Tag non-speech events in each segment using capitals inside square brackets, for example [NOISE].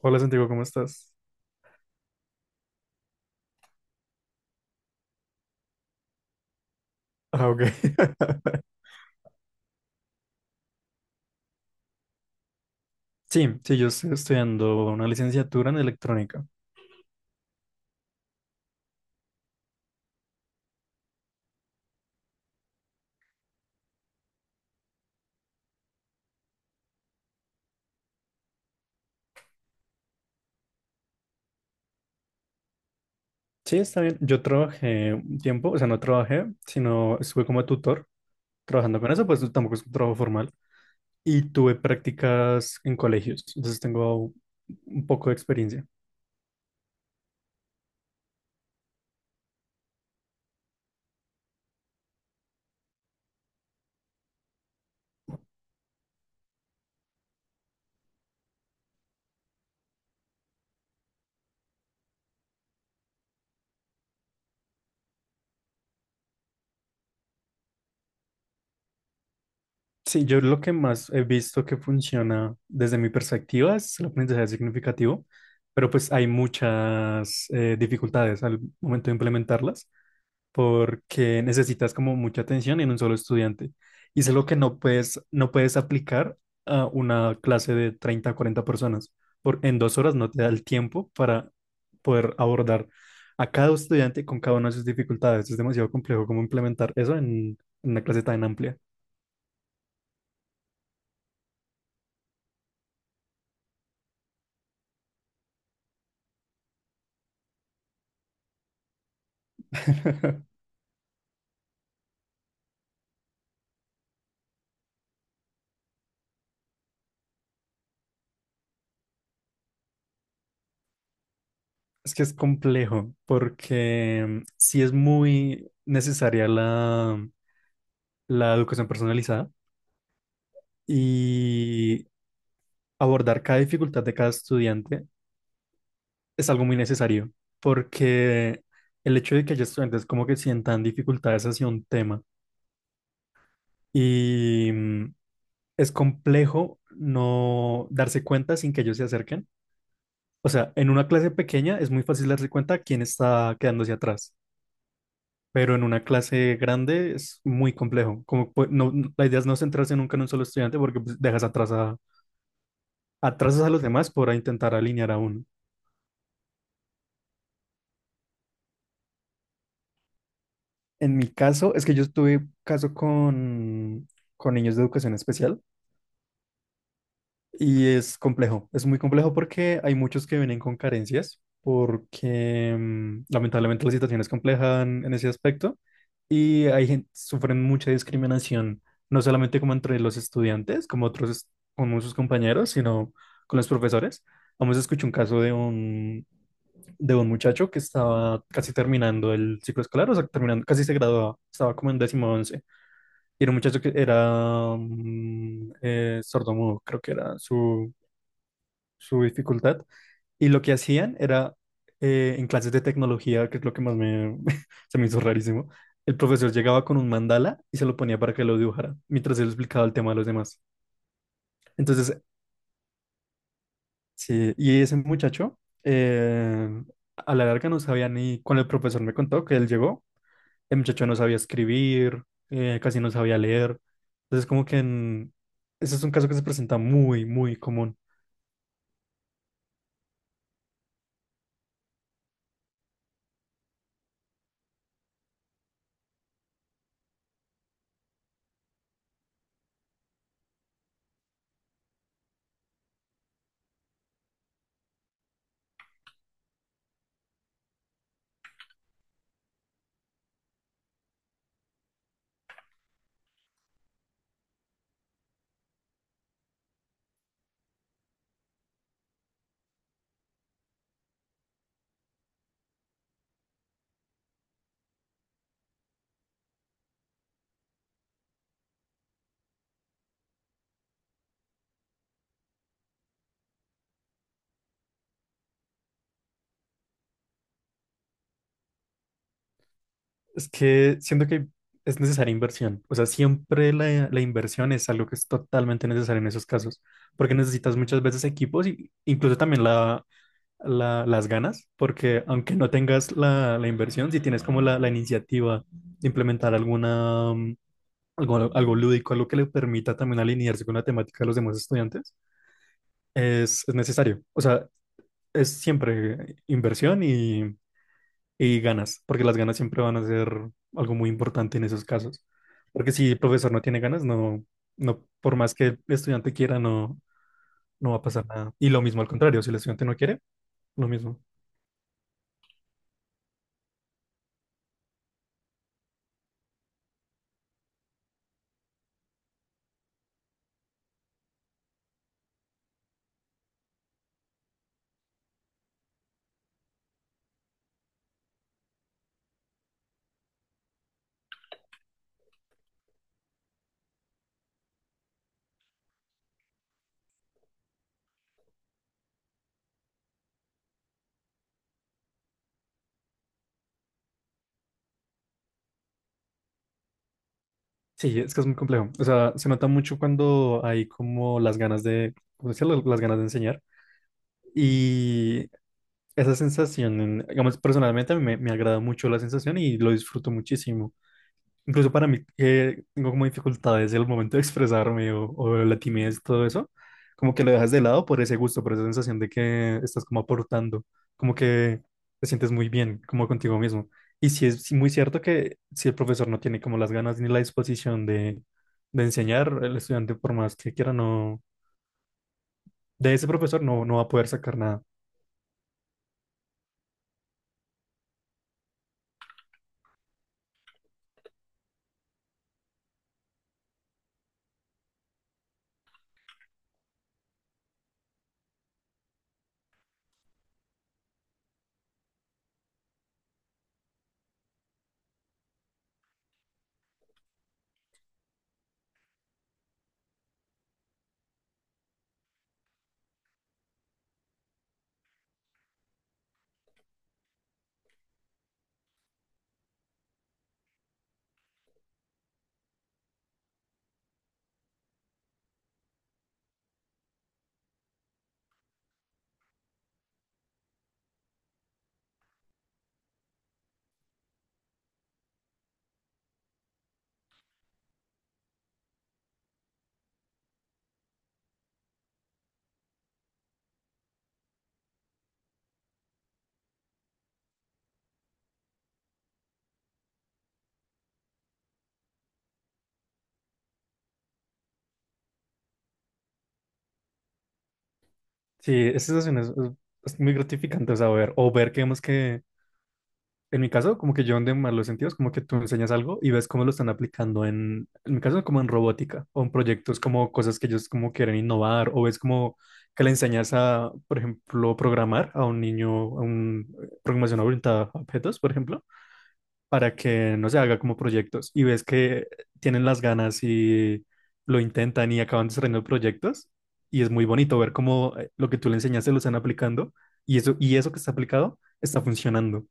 Hola Santiago, ¿cómo estás? Ah, ok. [LAUGHS] Sí, sí, yo estoy estudiando una licenciatura en electrónica. Sí, está bien. Yo trabajé un tiempo, o sea, no trabajé, sino estuve como tutor trabajando con eso, pues tampoco es un trabajo formal. Y tuve prácticas en colegios, entonces tengo un poco de experiencia. Sí, yo lo que más he visto que funciona desde mi perspectiva es el aprendizaje significativo, pero pues hay muchas dificultades al momento de implementarlas, porque necesitas como mucha atención en un solo estudiante. Y es lo que no puedes aplicar a una clase de 30 a 40 personas. Por, en 2 horas no te da el tiempo para poder abordar a cada estudiante con cada una de sus dificultades. Es demasiado complejo cómo implementar eso en una clase tan amplia. [LAUGHS] Es que es complejo porque sí es muy necesaria la educación personalizada y abordar cada dificultad de cada estudiante es algo muy necesario, porque el hecho de que haya estudiantes como que sientan dificultades hacia un tema y mm, es complejo no darse cuenta sin que ellos se acerquen. O sea, en una clase pequeña es muy fácil darse cuenta quién está quedándose atrás, pero en una clase grande es muy complejo. Como pu- no, no- la idea es no centrarse nunca en un solo estudiante porque pues, dejas atrás a, atrasas a los demás por intentar alinear a uno. En mi caso, es que yo tuve caso con niños de educación especial. Y es complejo, es muy complejo porque hay muchos que vienen con carencias, porque lamentablemente la situación es compleja en ese aspecto y hay gente, sufren mucha discriminación, no solamente como entre los estudiantes, como otros, como sus compañeros, sino con los profesores. Vamos a escuchar un caso de un muchacho que estaba casi terminando el ciclo escolar, o sea, terminando, casi se graduaba, estaba como en décimo 11. Y era un muchacho que era sordomudo, creo que era su dificultad. Y lo que hacían era, en clases de tecnología, que es lo que más [LAUGHS] se me hizo rarísimo, el profesor llegaba con un mandala y se lo ponía para que lo dibujara, mientras él explicaba el tema a los demás. Entonces, sí, y ese muchacho, eh, a la larga no sabía ni, cuando el profesor me contó que él llegó, el muchacho no sabía escribir, casi no sabía leer. Entonces, como que ese es un caso que se presenta muy, muy común. Es que siento que es necesaria inversión. O sea, siempre la inversión es algo que es totalmente necesario en esos casos, porque necesitas muchas veces equipos y incluso también las ganas, porque aunque no tengas la inversión, si tienes como la iniciativa de implementar algo, algo lúdico, algo que le permita también alinearse con la temática de los demás estudiantes, es necesario. O sea, es siempre inversión y ganas, porque las ganas siempre van a ser algo muy importante en esos casos. Porque si el profesor no tiene ganas, no, no, por más que el estudiante quiera, no, no va a pasar nada. Y lo mismo al contrario, si el estudiante no quiere, lo mismo. Sí, es que es muy complejo. O sea, se nota mucho cuando hay como las ganas de, ¿cómo decirlo? Las ganas de enseñar. Y esa sensación, digamos, personalmente a mí me agrada mucho la sensación y lo disfruto muchísimo. Incluso para mí, que tengo como dificultades en el momento de expresarme o la timidez y todo eso, como que lo dejas de lado por ese gusto, por esa sensación de que estás como aportando, como que te sientes muy bien, como contigo mismo. Y sí es muy cierto que si el profesor no tiene como las ganas ni la disposición de enseñar, el estudiante, por más que quiera, no, de ese profesor no, no va a poder sacar nada. Sí, esa sensación es muy gratificante, o sea, ver, o ver que vemos que en mi caso, como que yo en de malos sentidos, como que tú enseñas algo y ves cómo lo están aplicando en mi caso, como en robótica o en proyectos como cosas que ellos como quieren innovar o ves como que le enseñas a, por ejemplo, programar a un niño, a un programación orientada a objetos, por ejemplo, para que no se haga como proyectos y ves que tienen las ganas y lo intentan y acaban desarrollando proyectos y es muy bonito ver cómo lo que tú le enseñaste lo están aplicando y eso que está aplicado está funcionando.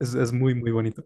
Es muy, muy bonito.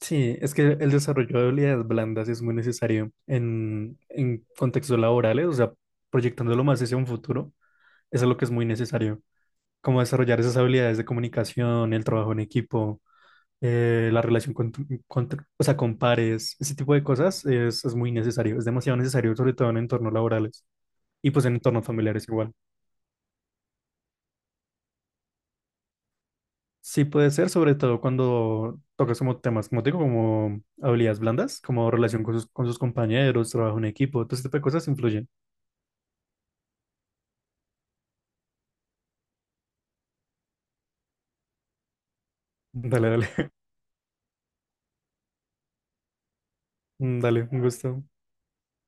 Sí, es que el desarrollo de habilidades blandas es muy necesario en contextos laborales, o sea, proyectándolo más hacia un futuro, eso es lo que es muy necesario, como desarrollar esas habilidades de comunicación, el trabajo en equipo, la relación con tu- o sea, con pares, ese tipo de cosas es muy necesario, es demasiado necesario, sobre todo en entornos laborales y pues en entornos familiares igual. Sí puede ser, sobre todo cuando tocas como temas, como te digo, como habilidades blandas, como relación con sus compañeros, trabajo en equipo, todo ese tipo de cosas influyen. Dale, dale, [LAUGHS] dale, un gusto.